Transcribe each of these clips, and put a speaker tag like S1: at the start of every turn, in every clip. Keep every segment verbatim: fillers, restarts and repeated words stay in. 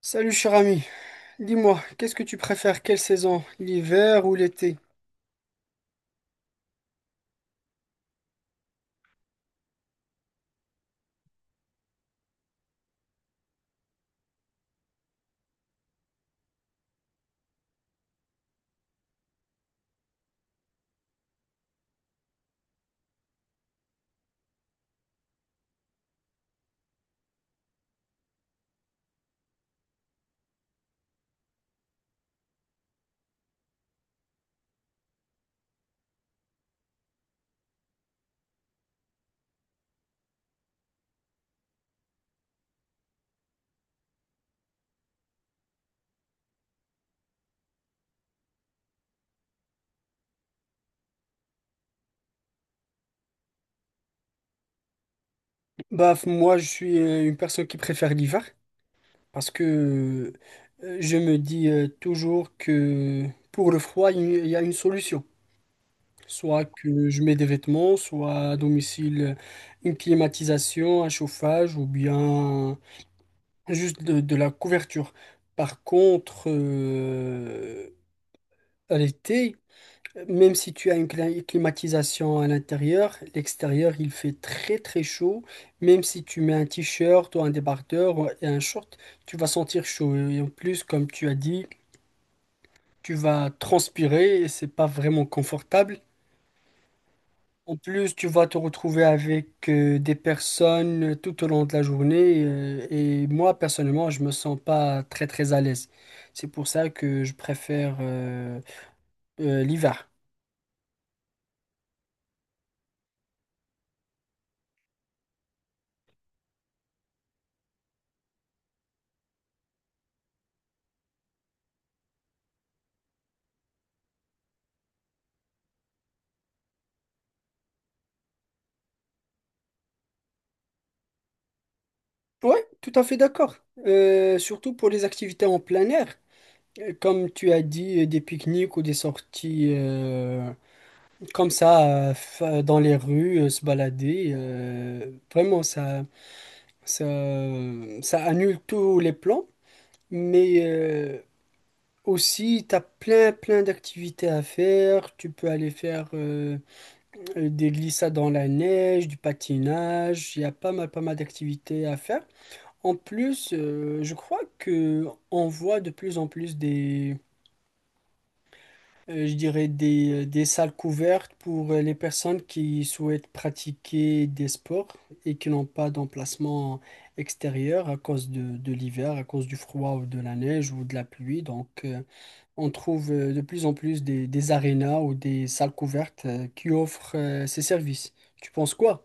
S1: Salut cher ami, dis-moi, qu'est-ce que tu préfères, quelle saison, l'hiver ou l'été? Bah f- moi je suis euh, une personne qui préfère l'hiver parce que euh, je me dis euh, toujours que pour le froid il y il y a une solution, soit que je mets des vêtements, soit à domicile, euh, une climatisation, un chauffage ou bien juste de, de la couverture. Par contre, euh, à l'été, même si tu as une cli- climatisation à l'intérieur, l'extérieur il fait très très chaud. Même si tu mets un t-shirt ou un débardeur ou- et un short, tu vas sentir chaud. Et en plus, comme tu as dit, tu vas transpirer et c'est pas vraiment confortable. En plus, tu vas te retrouver avec euh, des personnes tout au long de la journée. Euh, et moi, personnellement, je me sens pas très très à l'aise. C'est pour ça que je préfère euh, euh, l'hiver. Ouais, tout à fait d'accord. Euh, surtout pour les activités en plein air, Euh, comme tu as dit, euh, des pique-niques ou des sorties, euh, comme ça euh, fa- dans les rues, euh, se balader. euh, vraiment, ça, ça, ça annule tous les plans. Mais euh, aussi, tu as plein, plein d'activités à faire. Tu peux aller faire euh, euh, des glissades dans la neige, du patinage. Il y a pas mal, pas mal d'activités à faire. En plus, euh, je crois que on voit de plus en plus des, euh, je dirais des, des salles couvertes pour euh, les personnes qui souhaitent pratiquer des sports et qui n'ont pas d'emplacement extérieur à cause de, de l'hiver, à cause du froid ou de la neige ou de la pluie. Donc, euh, on trouve euh, de plus en plus des, des arénas ou des salles couvertes euh, qui offrent euh, ces services. Tu penses quoi?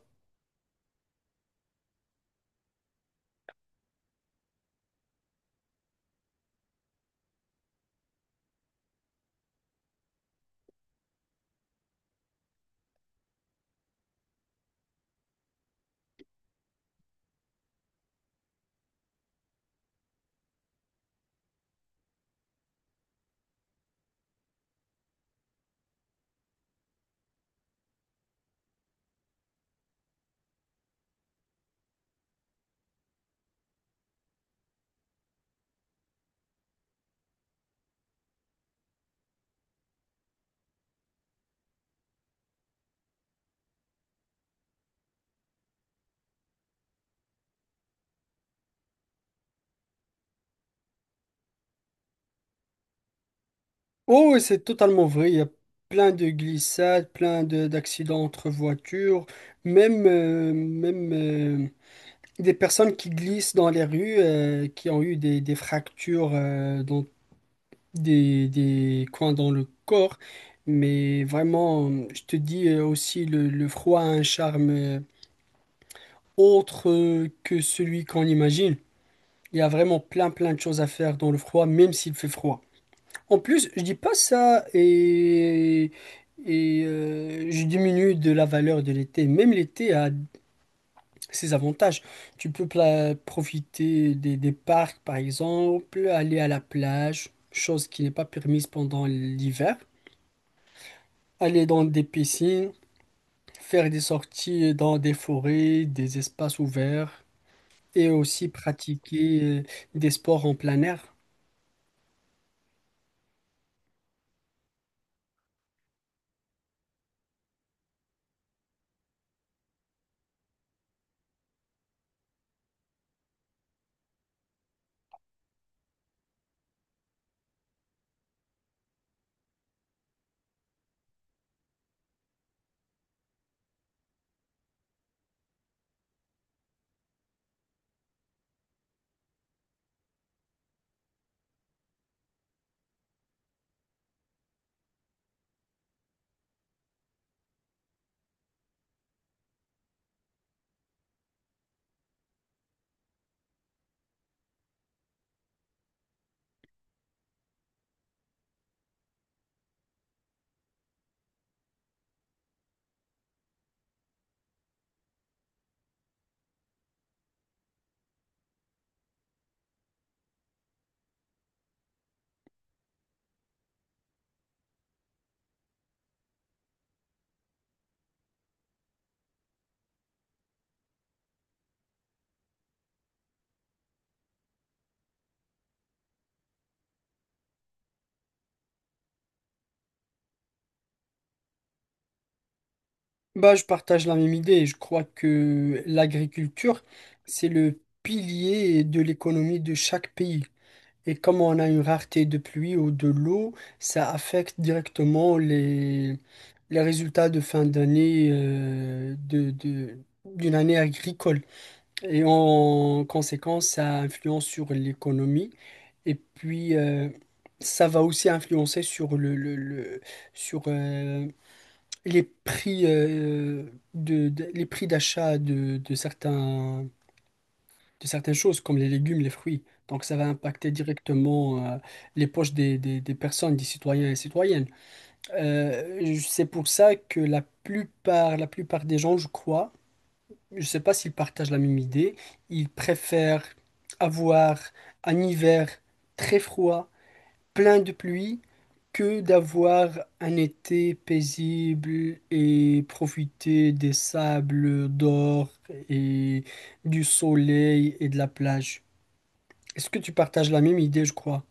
S1: Oh, oui, c'est totalement vrai. Il y a plein de glissades, plein de- d'accidents entre voitures, même, euh, même euh, des personnes qui glissent dans les rues, euh, qui ont eu des, des fractures euh, dans des, des coins dans le corps. Mais vraiment, je te dis euh, aussi, le, le froid a un charme euh, autre euh, que celui qu'on imagine. Il y a vraiment plein, plein de choses à faire dans le froid, même s'il fait froid. En plus, je dis pas ça et, et euh, je diminue de la valeur de l'été. Même l'été a ses avantages. Tu peux pla- profiter des, des parcs, par exemple, aller à la plage, chose qui n'est pas permise pendant l'hiver, aller dans des piscines, faire des sorties dans des forêts, des espaces ouverts et aussi pratiquer euh, des sports en plein air. Bah, je partage la même idée. Je crois que l'agriculture, c'est le pilier de l'économie de chaque pays. Et comme on a une rareté de pluie ou de l'eau, ça affecte directement les, les résultats de fin d'année, euh, de, de- d'une année agricole. Et en conséquence, ça influence sur l'économie. Et puis, euh, ça va aussi influencer sur le, le- le- sur, euh, les prix, euh, de, de- les prix d'achat de, de certains de certaines choses comme les légumes, les fruits. Donc ça va impacter directement, euh, les poches des, des- des personnes, des citoyens et citoyennes. Euh, c'est pour ça que la plupart la plupart des gens, je crois, je sais pas s'ils partagent la même idée, ils préfèrent avoir un hiver très froid, plein de pluie, que d'avoir un été paisible et profiter des sables d'or et du soleil et de la plage. Est-ce que tu partages la même idée, je crois?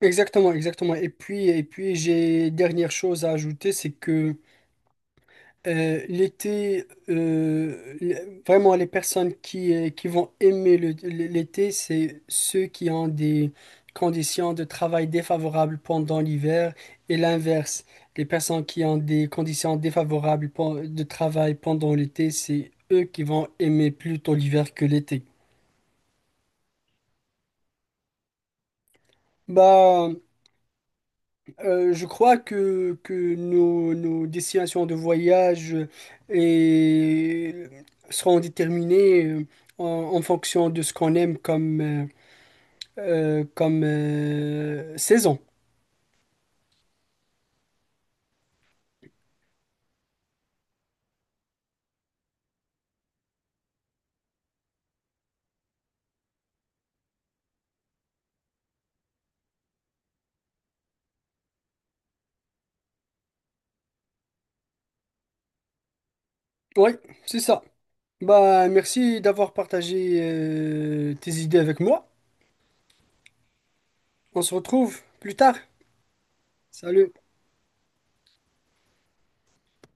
S1: Exactement, exactement. Et puis, et puis j'ai dernière chose à ajouter, c'est que Euh, l'été, euh, le- vraiment les personnes qui, euh, qui vont aimer le- l'été, c'est ceux qui ont des conditions de travail défavorables pendant l'hiver, et l'inverse. Les personnes qui ont des conditions défavorables pen- de travail pendant l'été, c'est eux qui vont aimer plutôt l'hiver que l'été. Bah, Euh, je crois que, que nos, nos destinations de voyage euh, et seront déterminées, euh, en, en fonction de ce qu'on aime comme, euh, euh, comme euh, saison. Oui, c'est ça. Bah, merci d'avoir partagé euh, tes idées avec moi. On se retrouve plus tard. Salut.